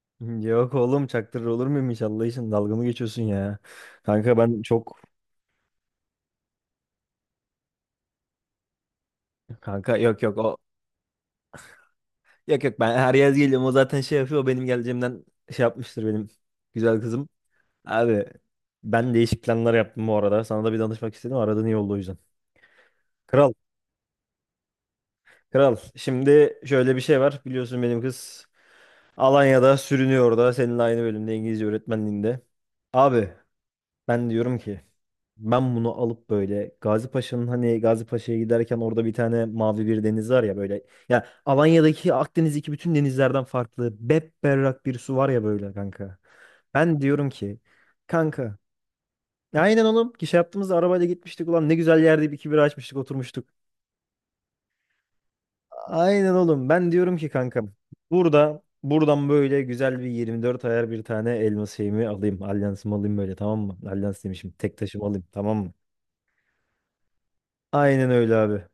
Yok oğlum, çaktırır olur muyum hiç? Allah için, dalga mı geçiyorsun ya? Kanka ben çok kanka yok yok, o yok yok, ben her yaz geliyorum, o zaten şey yapıyor. O benim geleceğimden şey yapmıştır, benim güzel kızım. Abi, ben değişik planlar yaptım bu arada, sana da bir danışmak istedim. Aradın, iyi oldu o yüzden. Kral kral, şimdi şöyle bir şey var, biliyorsun benim kız Alanya'da sürünüyor, orada seninle aynı bölümde, İngilizce öğretmenliğinde. Abi, ben diyorum ki ben bunu alıp böyle Gazi Paşa'nın, hani Gazi Paşa'ya giderken orada bir tane mavi bir deniz var ya böyle. Ya Alanya'daki, Akdeniz'deki bütün denizlerden farklı bepberrak bir su var ya böyle kanka. Ben diyorum ki kanka, ya aynen oğlum, ki şey yaptığımızda arabayla gitmiştik, ulan ne güzel yerde bir iki bira açmıştık, oturmuştuk. Aynen oğlum, ben diyorum ki kankam, buradan böyle güzel bir 24 ayar bir tane elma şeyimi alayım, alyansımı alayım böyle, tamam mı? Alyans demişim, tek taşımı alayım, tamam mı? Aynen öyle abi.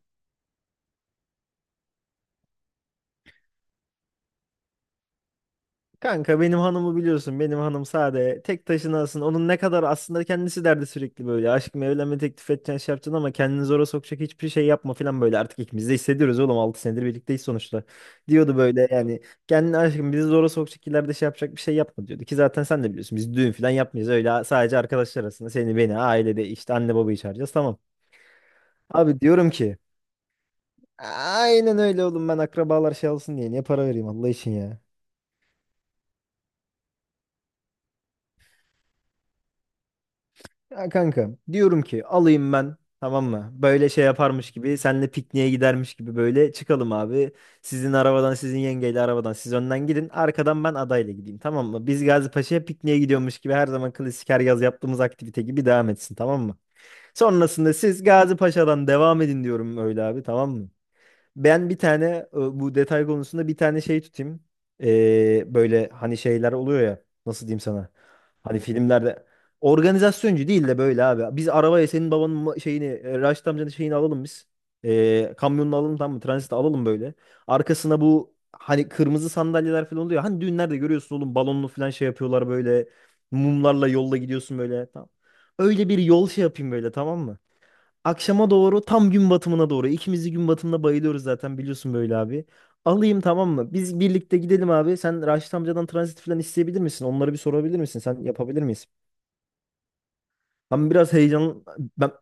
Kanka, benim hanımı biliyorsun. Benim hanım sade. Tek taşına aslında. Onun ne kadar aslında kendisi derdi sürekli böyle. Aşkım, evlenme teklif edeceksin, şey yapacaksın, ama kendini zora sokacak hiçbir şey yapma falan böyle. Artık ikimiz de hissediyoruz oğlum. 6 senedir birlikteyiz sonuçta. Diyordu böyle yani. Kendini aşkım bizi zora sokacak, ileride şey yapacak bir şey yapma diyordu. Ki zaten sen de biliyorsun, biz düğün falan yapmayız. Öyle sadece arkadaşlar arasında, seni beni, ailede işte anne babayı çağıracağız, tamam. Abi, diyorum ki, aynen öyle oğlum, ben akrabalar şey alsın diye niye para vereyim Allah için ya. Ya kanka, diyorum ki alayım ben, tamam mı? Böyle şey yaparmış gibi, senle pikniğe gidermiş gibi böyle çıkalım abi. Sizin arabadan, sizin yengeyle arabadan siz önden gidin, arkadan ben adayla gideyim, tamam mı? Biz Gazipaşa'ya pikniğe gidiyormuş gibi, her zaman klasik her yaz yaptığımız aktivite gibi devam etsin, tamam mı? Sonrasında siz Gazipaşa'dan devam edin diyorum, öyle abi, tamam mı? Ben bir tane, bu detay konusunda bir tane şey tutayım. Böyle hani şeyler oluyor ya. Nasıl diyeyim sana? Hani filmlerde, organizasyoncu değil de böyle abi. Biz arabaya senin babanın şeyini, Raşit amcanın şeyini alalım biz. Kamyonunu alalım, tamam mı? Transit alalım böyle. Arkasına bu hani kırmızı sandalyeler falan oluyor. Hani düğünlerde görüyorsun oğlum, balonlu falan şey yapıyorlar böyle. Mumlarla yolda gidiyorsun böyle. Tamam. Öyle bir yol şey yapayım böyle, tamam mı? Akşama doğru, tam gün batımına doğru. İkimiz de gün batımına bayılıyoruz zaten, biliyorsun böyle abi. Alayım, tamam mı? Biz birlikte gidelim abi. Sen Raşit amcadan transit falan isteyebilir misin? Onları bir sorabilir misin? Sen yapabilir miyiz? Ben biraz heyecan... Ben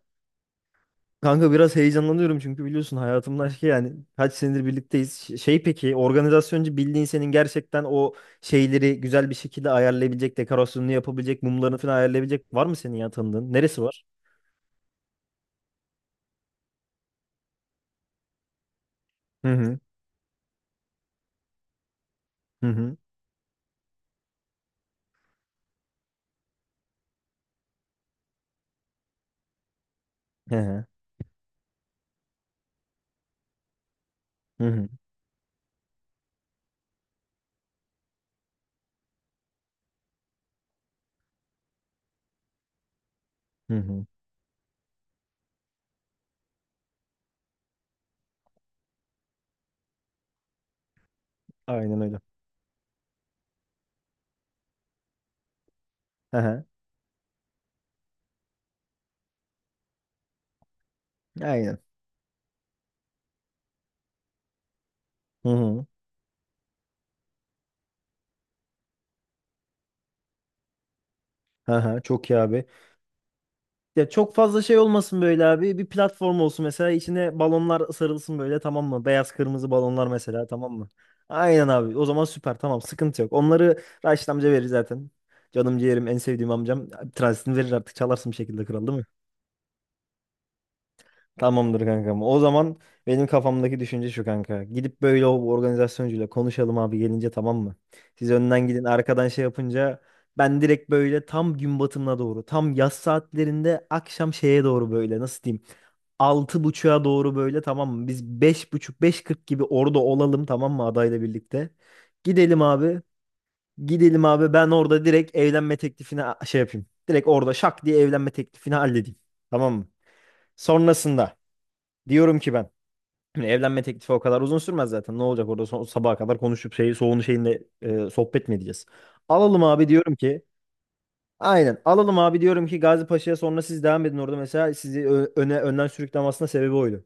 kanka biraz heyecanlanıyorum, çünkü biliyorsun hayatımın aşkı yani. Kaç senedir birlikteyiz. Şey, peki organizasyoncu bildiğin senin gerçekten o şeyleri güzel bir şekilde ayarlayabilecek, dekorasyonunu yapabilecek, mumlarını falan ayarlayabilecek var mı senin ya tanıdığın? Neresi var? Hı hı. Hı hı. Hı hı. Hı hı. Hı hı. Aynen öyle. Aynen. Hı hı. Aha, çok iyi abi. Ya çok fazla şey olmasın böyle abi. Bir platform olsun mesela, içine balonlar sarılsın böyle, tamam mı? Beyaz kırmızı balonlar mesela, tamam mı? Aynen abi. O zaman süper, tamam, sıkıntı yok. Onları Raşit amca verir zaten. Canım ciğerim, en sevdiğim amcam. Transitini verir artık, çalarsın bir şekilde, kral değil mi? Tamamdır kankam. O zaman benim kafamdaki düşünce şu kanka. Gidip böyle o organizasyoncuyla konuşalım abi gelince, tamam mı? Siz önden gidin, arkadan şey yapınca ben direkt böyle tam gün batımına doğru, tam yaz saatlerinde akşam şeye doğru böyle, nasıl diyeyim? 6.30'a doğru böyle, tamam mı? Biz beş buçuk, beş kırk gibi orada olalım, tamam mı, adayla birlikte. Gidelim abi. Gidelim abi, ben orada direkt evlenme teklifini şey yapayım. Direkt orada şak diye evlenme teklifini halledeyim. Tamam mı? Sonrasında diyorum ki ben. Şimdi evlenme teklifi o kadar uzun sürmez zaten. Ne olacak orada, son, sabaha kadar konuşup şey, soğunu şeyinle sohbet mi edeceğiz? Alalım abi diyorum ki. Aynen alalım abi, diyorum ki Gazi Paşa'ya, sonra siz devam edin orada mesela, sizi ö- öne önden sürüklemesine sebebi oydu.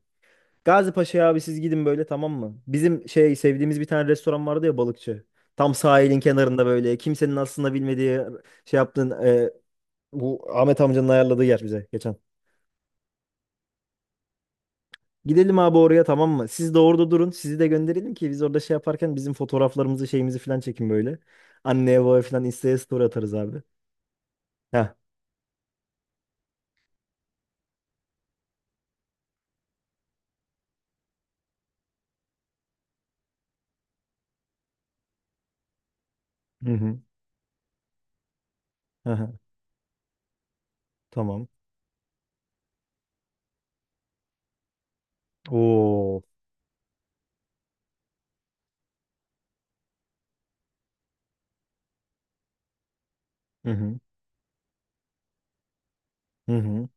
Gazi Paşa'ya abi siz gidin böyle, tamam mı? Bizim şey sevdiğimiz bir tane restoran vardı ya, balıkçı. Tam sahilin kenarında böyle, kimsenin aslında bilmediği şey yaptığın, bu Ahmet amcanın ayarladığı yer, bize geçen. Gidelim abi oraya, tamam mı? Siz de orada durun. Sizi de gönderelim ki biz orada şey yaparken bizim fotoğraflarımızı, şeyimizi falan çekin böyle. Anneye babaya falan Insta'ya story atarız abi. Heh. Hı hı. Hı hı. Tamam. Oo. Hı hı. Hı hı.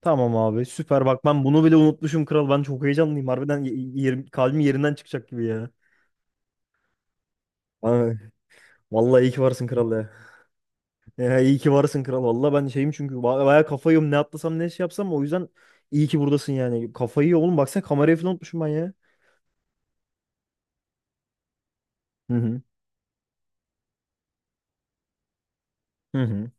Tamam abi, süper, bak ben bunu bile unutmuşum kral. Ben çok heyecanlıyım. Harbiden, yerim, kalbim yerinden çıkacak gibi ya. Ay, vallahi iyi ki varsın kral ya. Ya iyi ki varsın kral. Vallahi ben şeyim, çünkü bayağı kafayı yiyorum. Ne atlasam, ne şey yapsam, o yüzden iyi ki buradasın yani. Kafayı yiyor oğlum, baksana kamerayı falan unutmuşum ben ya. Hı hı. Hı hı.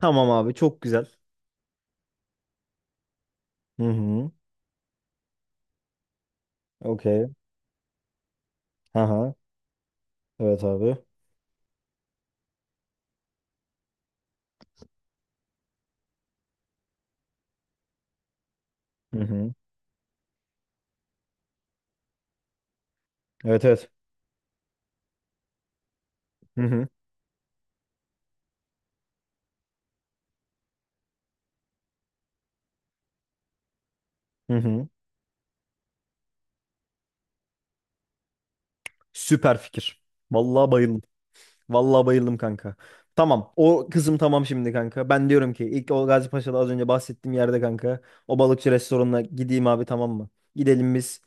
Tamam abi, çok güzel. Hı hı. Okey. Ha, evet abi. Hı hı. Evet evet. Hı hı. Hı hı. Süper fikir. Vallahi bayıldım. Vallahi bayıldım kanka. Tamam. O kızım, tamam şimdi kanka. Ben diyorum ki ilk o Gazi Paşa'da az önce bahsettiğim yerde kanka. O balıkçı restoranına gideyim abi, tamam mı? Gidelim biz.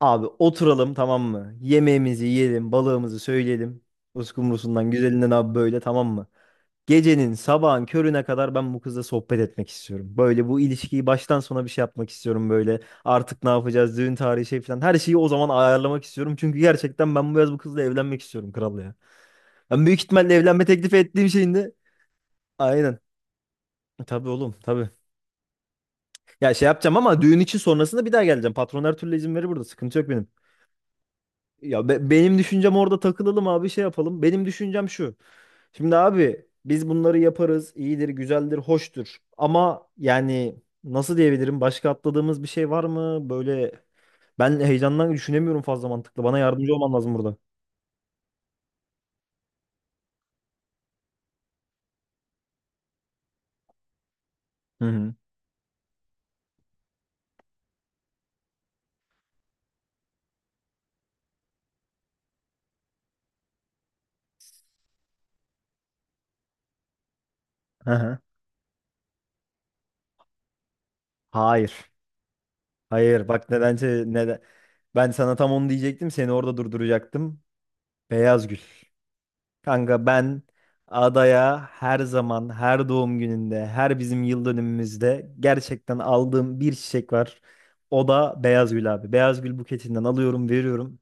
Abi oturalım, tamam mı? Yemeğimizi yiyelim. Balığımızı söyleyelim. Uskumrusundan, güzelinden abi böyle, tamam mı? Gecenin sabahın körüne kadar ben bu kızla sohbet etmek istiyorum. Böyle bu ilişkiyi baştan sona bir şey yapmak istiyorum böyle. Artık ne yapacağız, düğün tarihi şey falan. Her şeyi o zaman ayarlamak istiyorum. Çünkü gerçekten ben bu yaz bu kızla evlenmek istiyorum kral ya. Ben büyük ihtimalle evlenme teklifi ettiğim şeyin de aynen. Tabii oğlum, tabii. Ya şey yapacağım ama düğün için sonrasında bir daha geleceğim. Patron her türlü izin verir burada. Sıkıntı yok benim. Ya benim düşüncem orada takılalım abi, şey yapalım. Benim düşüncem şu. Şimdi abi biz bunları yaparız. İyidir, güzeldir, hoştur. Ama yani nasıl diyebilirim? Başka atladığımız bir şey var mı? Böyle ben heyecandan düşünemiyorum fazla mantıklı. Bana yardımcı olman lazım burada. Hı hı. Hı hı. Hayır. Hayır. Bak nedense, neden. Ben sana tam onu diyecektim. Seni orada durduracaktım. Beyaz gül. Kanka ben adaya her zaman, her doğum gününde, her bizim yıl dönümümüzde gerçekten aldığım bir çiçek var. O da beyaz gül abi. Beyaz gül buketinden alıyorum, veriyorum.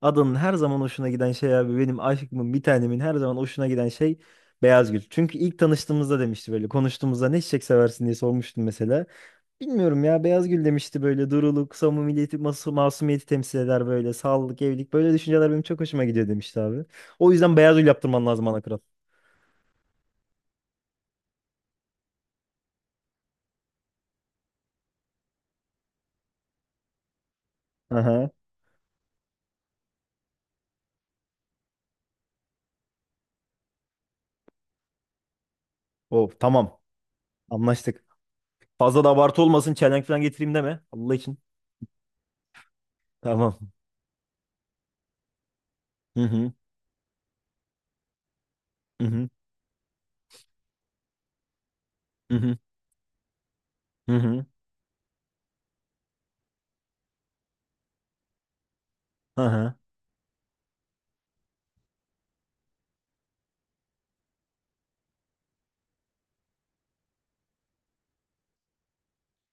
Adanın her zaman hoşuna giden şey abi, benim aşkımın, bir tanemin her zaman hoşuna giden şey beyaz gül. Çünkü ilk tanıştığımızda demişti, böyle konuştuğumuzda ne çiçek seversin diye sormuştum mesela. Bilmiyorum ya, beyaz gül demişti böyle, duruluk, samimiyeti, masumiyeti temsil eder, böyle sağlık, evlilik böyle düşünceler benim çok hoşuma gidiyor demişti abi. O yüzden beyaz gül yaptırman lazım ana kral. Aha. Oh tamam, anlaştık. Fazla da abartı olmasın, çelenk falan getireyim deme Allah için. Tamam. Hı hı. Hı hı. Hı hı. Hı hı. Hı hı. Aha.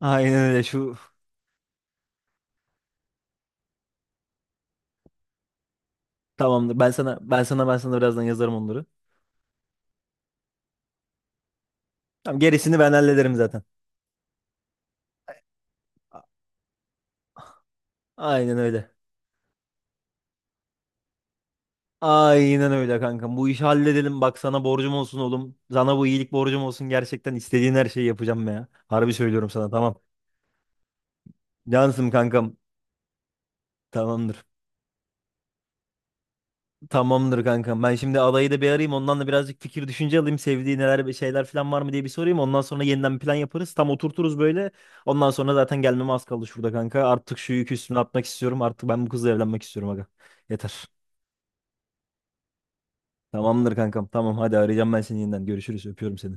Aynen öyle şu tamamdır. Ben sana birazdan yazarım onları. Tamam, gerisini ben hallederim zaten. Aynen öyle. Aynen öyle kankam. Bu işi halledelim. Bak sana borcum olsun oğlum. Sana bu iyilik borcum olsun. Gerçekten istediğin her şeyi yapacağım ya. Harbi söylüyorum sana, tamam. Cansım kankam. Tamamdır. Tamamdır kankam. Ben şimdi adayı da bir arayayım. Ondan da birazcık fikir, düşünce alayım. Sevdiği neler, bir şeyler falan var mı diye bir sorayım. Ondan sonra yeniden bir plan yaparız. Tam oturturuz böyle. Ondan sonra zaten gelmeme az kaldı şurada kanka. Artık şu yükü üstüne atmak istiyorum. Artık ben bu kızla evlenmek istiyorum aga. Yeter. Tamamdır kankam. Tamam, hadi arayacağım ben seni yeniden. Görüşürüz. Öpüyorum seni.